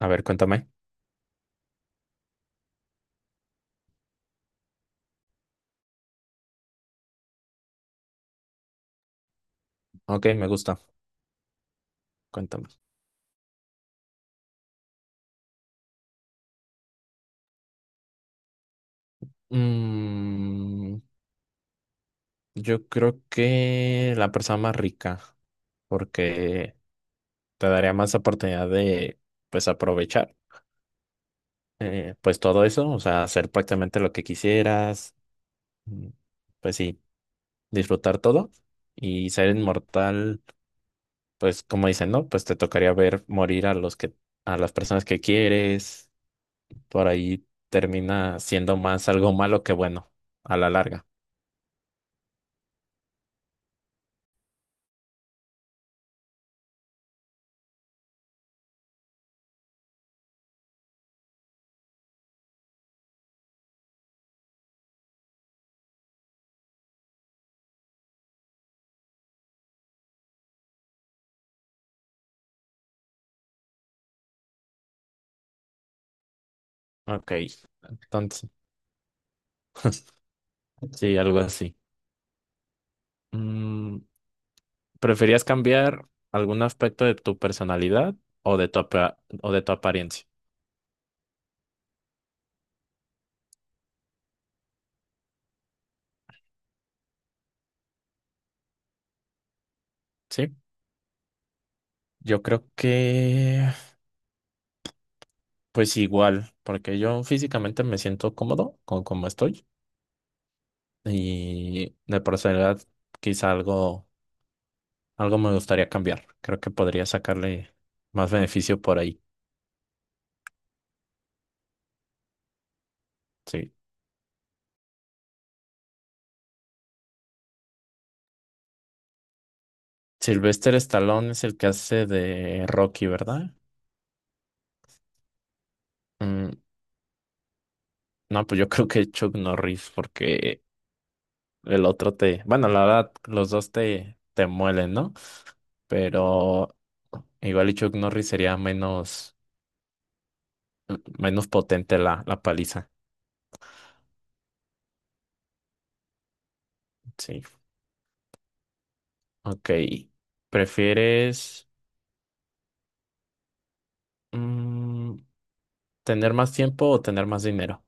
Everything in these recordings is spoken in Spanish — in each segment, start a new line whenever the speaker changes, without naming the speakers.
A ver, cuéntame. Ok, me gusta. Cuéntame. Mm, yo creo que la persona más rica, porque te daría más oportunidad de, pues, aprovechar, pues, todo eso, o sea, hacer prácticamente lo que quisieras, mm, pues, sí, disfrutar todo y ser inmortal, pues, como dicen, ¿no? Pues te tocaría ver morir a los que, a las personas que quieres, por ahí termina siendo más algo malo que bueno, a la larga. Ok, entonces, sí, algo así. Mm, ¿Preferías cambiar algún aspecto de tu personalidad o de tu, o de tu apariencia? Sí, yo creo que pues igual, porque yo físicamente me siento cómodo con cómo estoy y de personalidad quizá algo, algo me gustaría cambiar. Creo que podría sacarle más beneficio por ahí. Sí. ¿Sylvester Stallone es el que hace de Rocky, verdad? Mm, No, pues yo creo que Chuck Norris, porque el otro te, bueno, la verdad, los dos te, te muelen, ¿no? Pero igual y Chuck Norris sería menos, menos potente la, la paliza. Sí. Ok. ¿Prefieres mm, tener más tiempo o tener más dinero?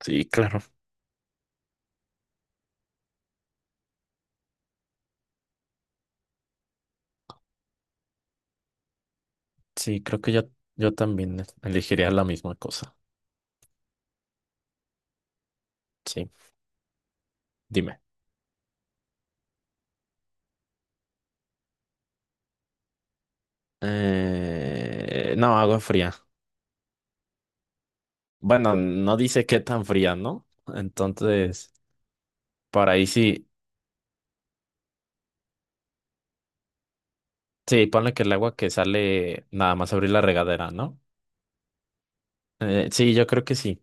Sí, claro. Sí, creo que yo también elegiría la misma cosa. Sí, dime. No, agua fría. Bueno, no dice qué tan fría, ¿no? Entonces, para ahí sí, sí, ponle que el agua que sale nada más abrir la regadera, ¿no? Sí, yo creo que sí.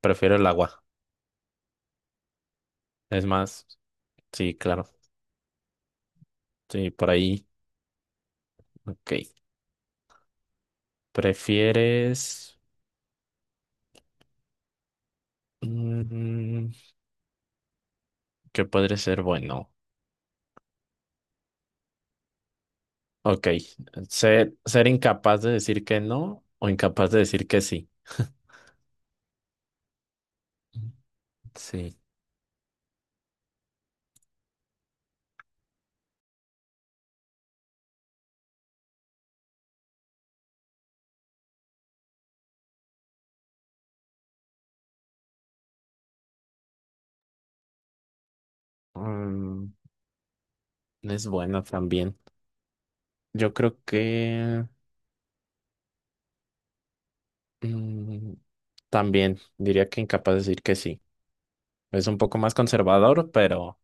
Prefiero el agua. Es más, sí, claro. Sí, por ahí. Ok. ¿Prefieres... mm, qué podría ser bueno? Ok. Ser, ser incapaz de decir que no o incapaz de decir que sí. Sí. Mm, es bueno también. Yo creo que... Mm, también diría que incapaz de decir que sí. Es un poco más conservador, pero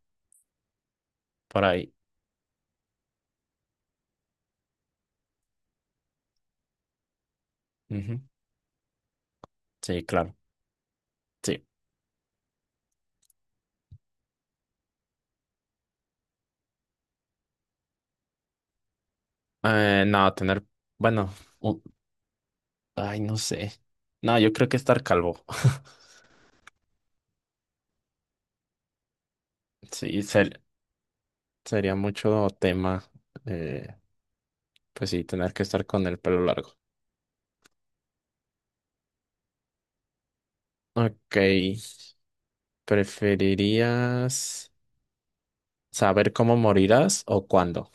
por ahí. Ujú. Sí, claro. Sí. No, tener, bueno, un- ay, no sé. No, yo creo que estar calvo. Sí, sería mucho tema. eh, pues sí, tener que estar con el pelo largo. Ok, ¿preferirías saber cómo morirás o cuándo?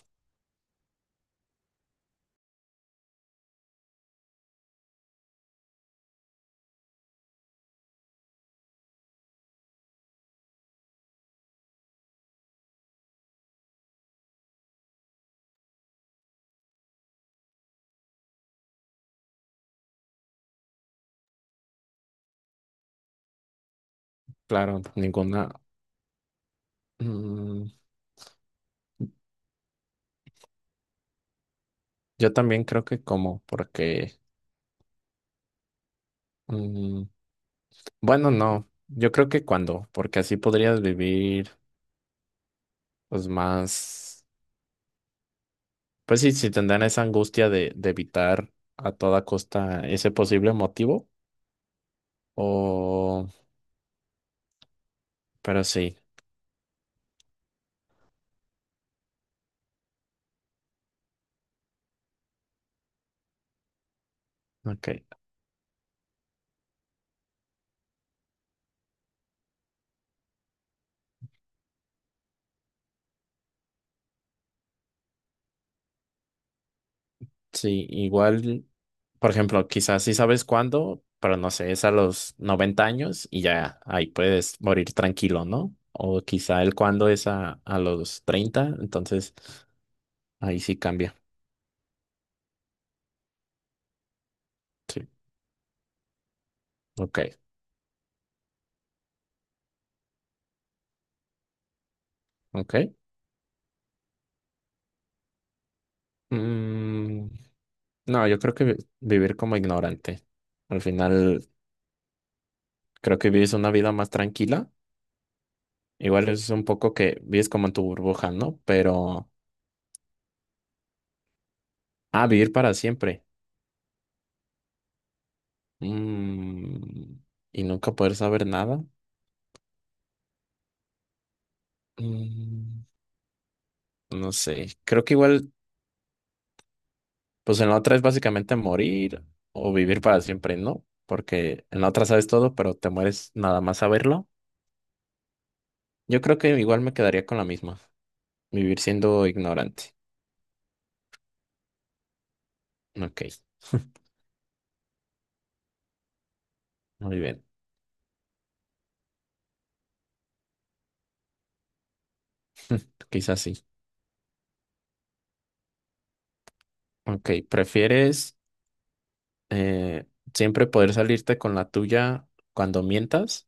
Claro, ninguna. mm, yo también creo que cómo, porque Mm, bueno, no, yo creo que cuando, porque así podrías vivir pues más, pues sí, si tendrán esa angustia de evitar a toda costa ese posible motivo, o, pero sí, ok, sí, igual, por ejemplo, quizás sí sabes cuándo, pero no sé, es a los 90 años y ya ahí puedes morir tranquilo, ¿no? O quizá el cuándo es a los 30, entonces ahí sí cambia, sí, ok, ok. Mm, no, yo creo que vivir como ignorante. Al final, creo que vives una vida más tranquila. Igual es un poco que vives como en tu burbuja, ¿no? Pero, ah, vivir para siempre. Mm, y nunca poder saber nada. Mm, no sé. Creo que igual, pues en la otra es básicamente morir o vivir para siempre, ¿no? Porque en la otra sabes todo, pero te mueres nada más saberlo. Yo creo que igual me quedaría con la misma. Vivir siendo ignorante. Ok. Muy bien, quizás sí. Ok, ¿prefieres eh, siempre poder salirte con la tuya cuando mientas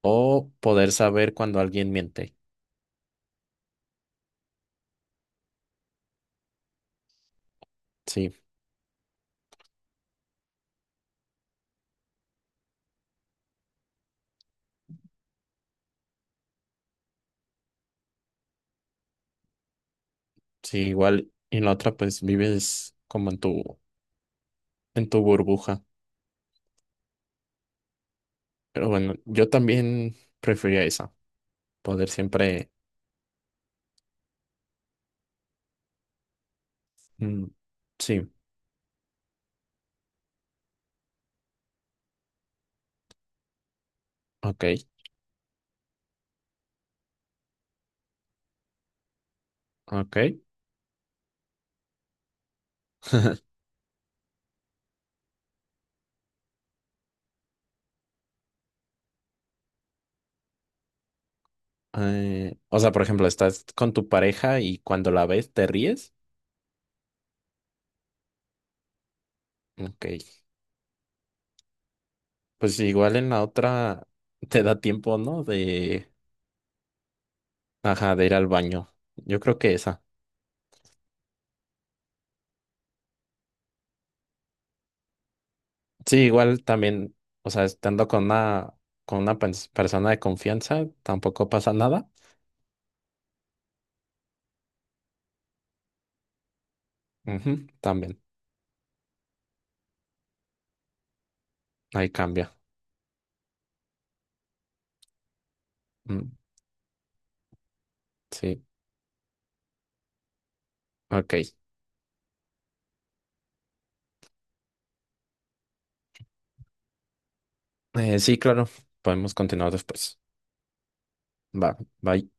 o poder saber cuando alguien miente? Sí, sí, igual y en la otra pues vives como en tu burbuja. Pero bueno, yo también prefería esa, poder siempre... mm, sí, ok, ok. O sea, por ejemplo, estás con tu pareja y cuando la ves te ríes. Ok. Pues igual en la otra te da tiempo, ¿no? De, ajá, de ir al baño. Yo creo que esa. Sí, igual también, o sea, estando con una persona de confianza, tampoco pasa nada. Ujú, también, ahí cambia. Mm, sí, ok. Sí, claro, podemos continuar después. Va, bye.